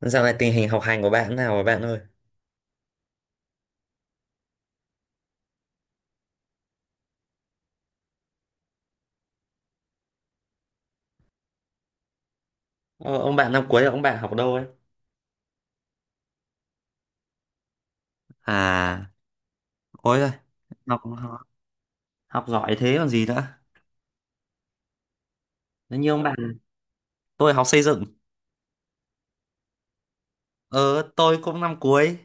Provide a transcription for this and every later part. Dạo này tình hình học hành của bạn thế nào rồi bạn ơi? Ờ, ông bạn năm cuối là ông bạn học đâu ấy? À, ôi rồi học học giỏi thế còn gì nữa. Nó như ông bạn, tôi học xây dựng. Ờ, tôi cũng năm cuối.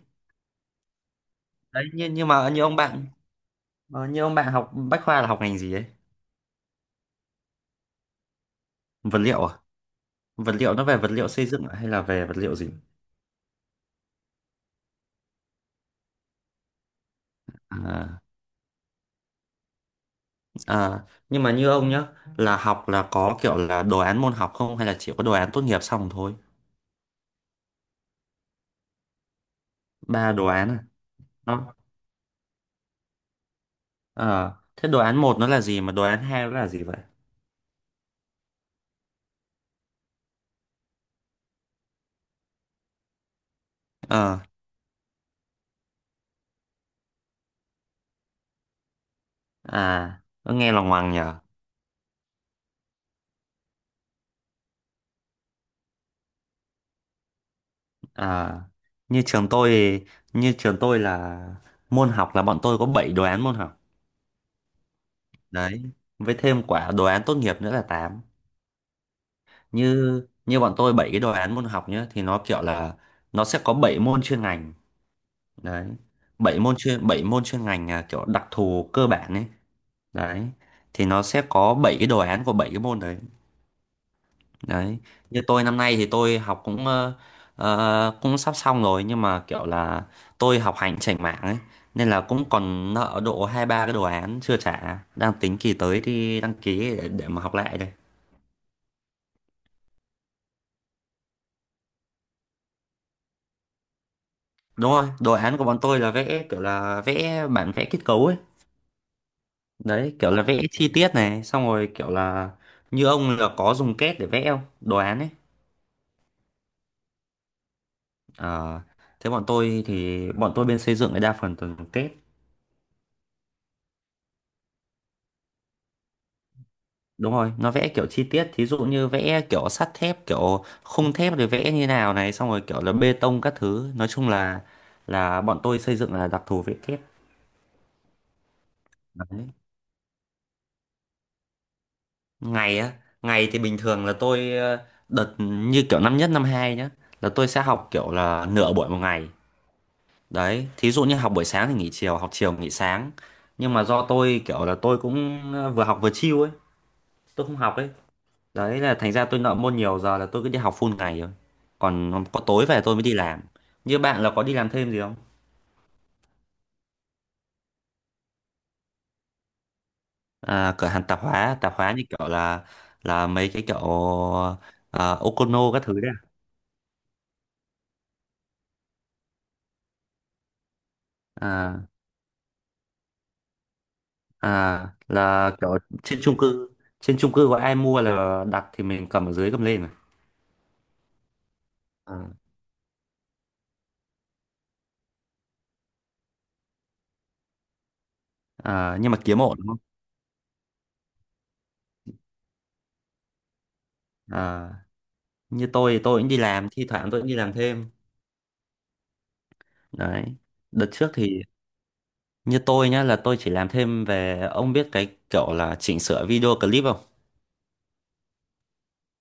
Đấy, nhưng mà như ông bạn, ờ, như ông bạn học Bách Khoa là học ngành gì ấy? Vật liệu à? Vật liệu nó về vật liệu xây dựng à? Hay là về vật liệu gì? À, à, nhưng mà như ông nhá, là học là có kiểu là đồ án môn học không hay là chỉ có đồ án tốt nghiệp xong thôi? Ba đồ án à? Nó Ờ, thế đồ án một nó là gì mà đồ án hai nó là gì vậy? Ờ, à, nó nghe lòng ngoằng nhở. À, như trường tôi như trường tôi là môn học là bọn tôi có 7 đồ án môn học. Đấy, với thêm quả đồ án tốt nghiệp nữa là 8. Như như bọn tôi 7 cái đồ án môn học nhá thì nó kiểu là nó sẽ có 7 môn chuyên ngành. Đấy. Bảy môn chuyên ngành là kiểu đặc thù cơ bản ấy. Đấy. Thì nó sẽ có 7 cái đồ án của 7 cái môn đấy. Đấy, như tôi năm nay thì tôi học cũng ờ, ờ, cũng sắp xong rồi nhưng mà kiểu là tôi học hành chểnh mảng ấy, nên là cũng còn nợ độ hai ba cái đồ án chưa trả, đang tính kỳ tới đi đăng ký để mà học lại đây. Đúng rồi, đồ án của bọn tôi là vẽ kiểu là vẽ bản vẽ kết cấu ấy. Đấy, kiểu là vẽ chi tiết này, xong rồi kiểu là như ông là có dùng kết để vẽ không? Đồ án ấy. Ờ, thế bọn tôi thì bọn tôi bên xây dựng là đa phần toàn dùng kết. Đúng rồi, nó vẽ kiểu chi tiết, thí dụ như vẽ kiểu sắt thép, kiểu khung thép rồi vẽ như nào này, xong rồi kiểu là bê tông các thứ. Nói chung là bọn tôi xây dựng là đặc thù vẽ kép. Đấy. Ngày á, ngày thì bình thường là tôi ờ, đợt như kiểu năm nhất năm hai nhá, là tôi sẽ học kiểu là nửa buổi một ngày. Đấy, thí dụ như học buổi sáng thì nghỉ chiều, học chiều nghỉ sáng. Nhưng mà do tôi kiểu là tôi cũng ờ, vừa học vừa chill ấy, tôi không học ấy. Đấy là thành ra tôi nợ môn nhiều, giờ là tôi cứ đi học full ngày rồi. Còn có tối về tôi mới đi làm. Như bạn là có đi làm thêm gì không? À, cửa hàng tạp hóa như kiểu là mấy cái kiểu à, Okono các thứ đấy. À, à à, là kiểu trên chung cư có ai mua là đặt thì mình cầm ở dưới cầm lên mà. À, à, nhưng mà kiếm ổn đúng không? À, như tôi thì tôi cũng đi làm, thi thoảng tôi cũng đi làm thêm. Đấy. Đợt trước thì Như tôi nhá là tôi chỉ làm thêm về, ông biết cái kiểu là chỉnh sửa video clip không?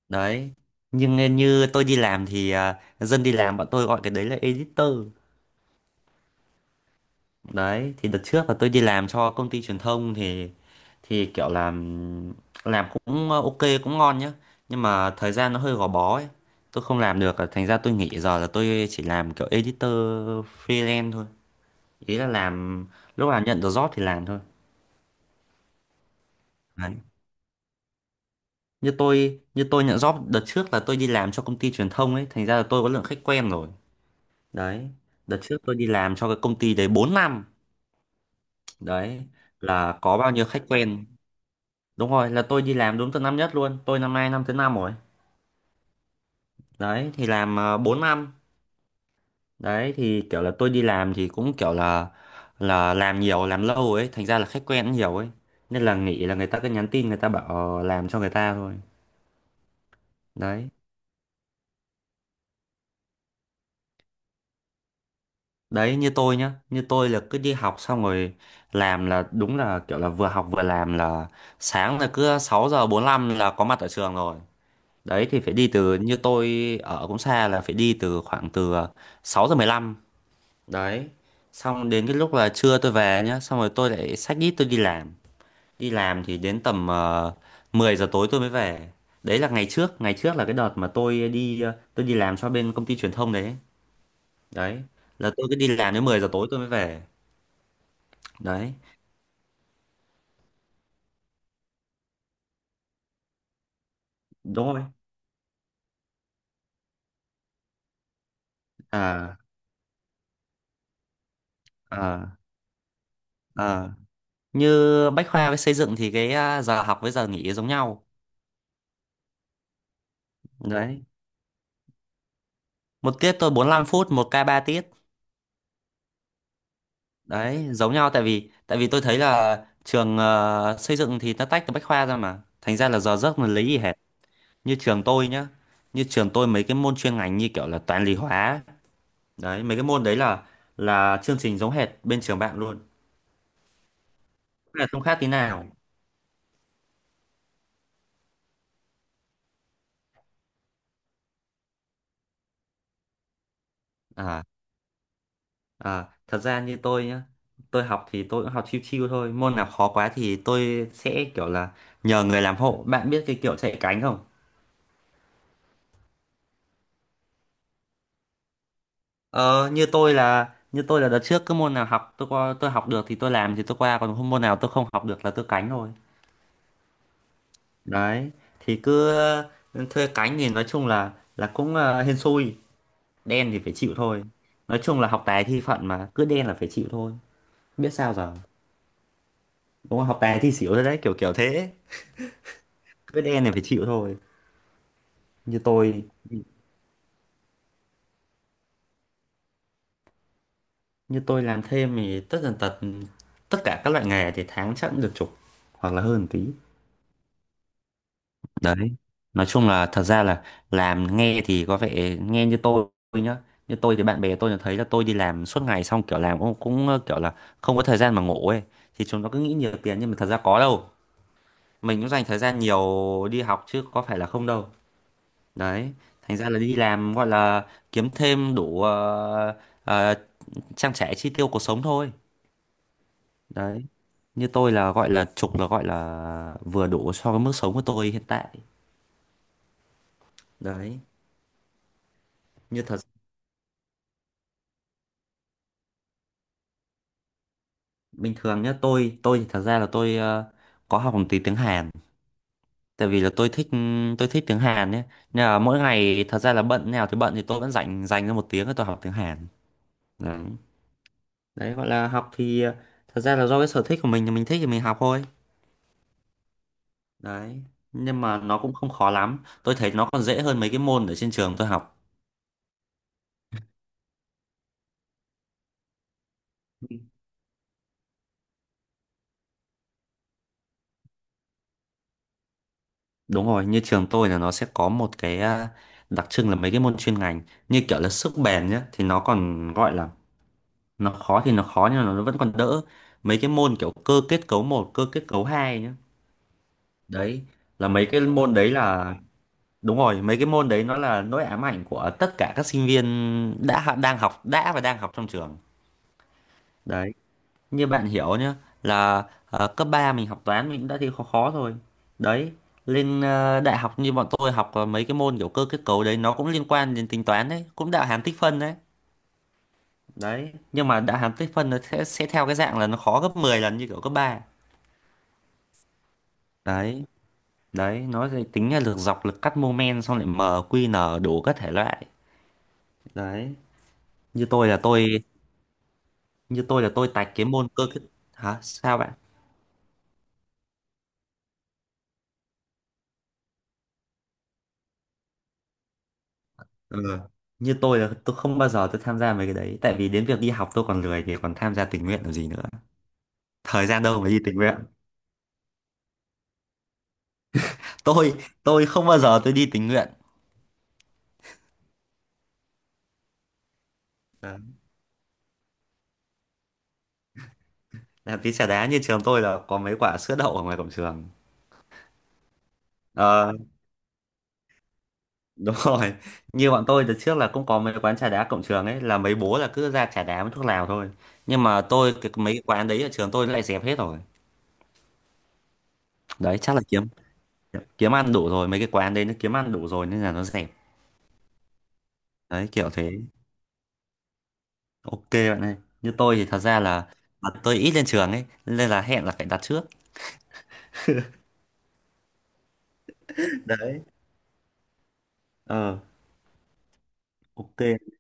Đấy. Nhưng nên như tôi đi làm thì à, dân đi làm bọn tôi gọi cái đấy là editor. Đấy, thì đợt trước là tôi đi làm cho công ty truyền thông thì kiểu làm cũng à, ok cũng ngon nhá. Nhưng mà thời gian nó hơi gò bó ấy. Tôi không làm được à, thành ra tôi nghỉ, giờ là tôi chỉ làm kiểu editor freelance thôi. Ý là làm lúc nào nhận được job thì làm thôi. Đấy. Như tôi nhận job đợt trước là tôi đi làm cho công ty truyền thông ấy, thành ra là tôi có lượng khách quen rồi. Đấy, đợt trước tôi đi làm cho cái công ty đấy 4 năm. Đấy là có bao nhiêu khách quen, đúng rồi, là tôi đi làm đúng từ năm nhất luôn, tôi năm nay năm thứ năm rồi. Đấy thì làm 4 năm. Đấy thì kiểu là tôi đi làm thì cũng kiểu là làm nhiều làm lâu ấy, thành ra là khách quen cũng nhiều ấy, nên là nghĩ là người ta cứ nhắn tin người ta bảo ờ, làm cho người ta thôi. Đấy. Đấy, như tôi nhá, như tôi là cứ đi học xong rồi làm, là đúng là kiểu là vừa học vừa làm, là sáng là cứ 6:45 là có mặt ở trường rồi. Đấy thì phải đi từ, như tôi ở cũng xa là phải đi từ khoảng từ 6:15. Đấy, xong đến cái lúc là trưa tôi về nhá, xong rồi tôi lại xách ít tôi đi làm, đi làm thì đến tầm ờ, 10 giờ tối tôi mới về. Đấy là ngày trước, ngày trước là cái đợt mà tôi đi ờ, tôi đi làm cho bên công ty truyền thông đấy. Đấy là tôi cứ đi làm đến 10 giờ tối tôi mới về. Đấy đúng rồi. À à à, như Bách Khoa với xây dựng thì cái à, giờ học với giờ nghỉ giống nhau. Đấy, một tiết tôi 45 phút, một k 3 tiết. Đấy giống nhau, tại vì tôi thấy là trường ờ, xây dựng thì nó tách từ Bách Khoa ra mà, thành ra là giờ giấc mình lấy gì hết. Như trường tôi nhá, như trường tôi mấy cái môn chuyên ngành như kiểu là toán lý hóa, đấy mấy cái môn đấy là chương trình giống hệt bên trường bạn luôn. Thế là không khác tí nào à. À, thật ra như tôi nhá, tôi học thì tôi cũng học chill chill thôi. Môn nào khó quá thì tôi sẽ kiểu là nhờ người làm hộ. Bạn biết cái kiểu chạy cánh không? Ờ, như tôi là đợt trước cứ môn nào học tôi qua, tôi học được thì tôi làm thì tôi qua, còn không, môn nào tôi không học được là tôi cánh thôi. Đấy, thì cứ ừ, thuê cánh thì nói chung là cũng ờ, hên xui, đen thì phải chịu thôi. Nói chung là học tài thi phận mà, cứ đen là phải chịu thôi. Biết sao giờ. Đúng không? Học tài thi xỉu rồi đấy, kiểu kiểu thế. Cứ đen thì phải chịu thôi. Như tôi như tôi làm thêm thì tất tần tật tất cả các loại nghề thì tháng chắc cũng được chục hoặc là hơn tí. Đấy, nói chung là thật ra là làm nghe thì có vẻ, nghe như tôi nhá, như tôi thì bạn bè tôi là thấy là tôi đi làm suốt ngày, xong kiểu làm cũng ờ, kiểu là không có thời gian mà ngủ ấy, thì chúng nó cứ nghĩ nhiều tiền nhưng mà thật ra có đâu. Mình cũng dành thời gian nhiều đi học chứ có phải là không đâu. Đấy, thành ra là đi làm gọi là kiếm thêm đủ ờ, ờ, trang trải chi tiêu cuộc sống thôi. Đấy, như tôi là gọi là trục là gọi là vừa đủ so với mức sống của tôi hiện tại. Đấy. Như thật bình thường nhá, tôi thì thật ra là tôi ờ, có học một tí tiếng Hàn, tại vì là tôi thích tiếng Hàn nhé, nên là mỗi ngày thật ra là bận nào thì bận, thì tôi vẫn dành dành ra một tiếng để tôi học tiếng Hàn. Đấy. Đấy, gọi là học thì ờ, thật ra là do cái sở thích của mình, là mình thích thì mình học thôi. Đấy. Nhưng mà nó cũng không khó lắm, tôi thấy nó còn dễ hơn mấy cái môn ở trên trường tôi học. Đúng rồi, như trường tôi là nó sẽ có một cái à, đặc trưng là mấy cái môn chuyên ngành như kiểu là sức bền nhá, thì nó còn gọi là, nó khó thì nó khó nhưng mà nó vẫn còn đỡ. Mấy cái môn kiểu cơ kết cấu một, cơ kết cấu hai nhá, đấy là mấy cái môn đấy là, đúng rồi, mấy cái môn đấy nó là nỗi ám ảnh của tất cả các sinh viên đã và đang học trong trường. Đấy, như bạn hiểu nhá, là ờ, cấp 3 mình học toán mình cũng đã thi khó khó rồi. Đấy, lên ờ, đại học như bọn tôi học ờ, mấy cái môn kiểu cơ kết cấu đấy nó cũng liên quan đến tính toán, đấy cũng đạo hàm tích phân đấy. Đấy, nhưng mà đạo hàm tích phân nó sẽ theo cái dạng là nó khó gấp 10 lần như kiểu cấp ba. Đấy, đấy nó sẽ tính là lực dọc, lực cắt, moment, xong lại m, q, n đủ các thể loại. Đấy, như tôi là tôi như tôi là tôi tạch cái môn cơ kết. Hả, sao bạn? Ừ. Như tôi là tôi không bao giờ tôi tham gia mấy cái đấy. Tại vì đến việc đi học tôi còn lười, thì còn tham gia tình nguyện làm gì nữa. Thời gian đâu mà đi tình nguyện. Tôi tôi không bao giờ tôi đi tình nguyện. Đấy. Làm tí trà đá, như trường tôi là có mấy quả sữa đậu ở ngoài cổng trường. Ờ, đúng rồi. Như bọn tôi từ trước là cũng có mấy quán trà đá cổng trường ấy, là mấy bố là cứ ra trà đá với thuốc lào thôi. Nhưng mà tôi cái, mấy cái quán đấy ở trường tôi nó lại dẹp hết rồi. Đấy, chắc là kiếm kiếm ăn đủ rồi, mấy cái quán đấy nó kiếm ăn đủ rồi nên là nó dẹp. Đấy kiểu thế. Ok bạn ơi, như tôi thì thật ra là, tôi ít lên trường ấy, nên là hẹn là phải đặt trước. Đấy. Ờ, ok.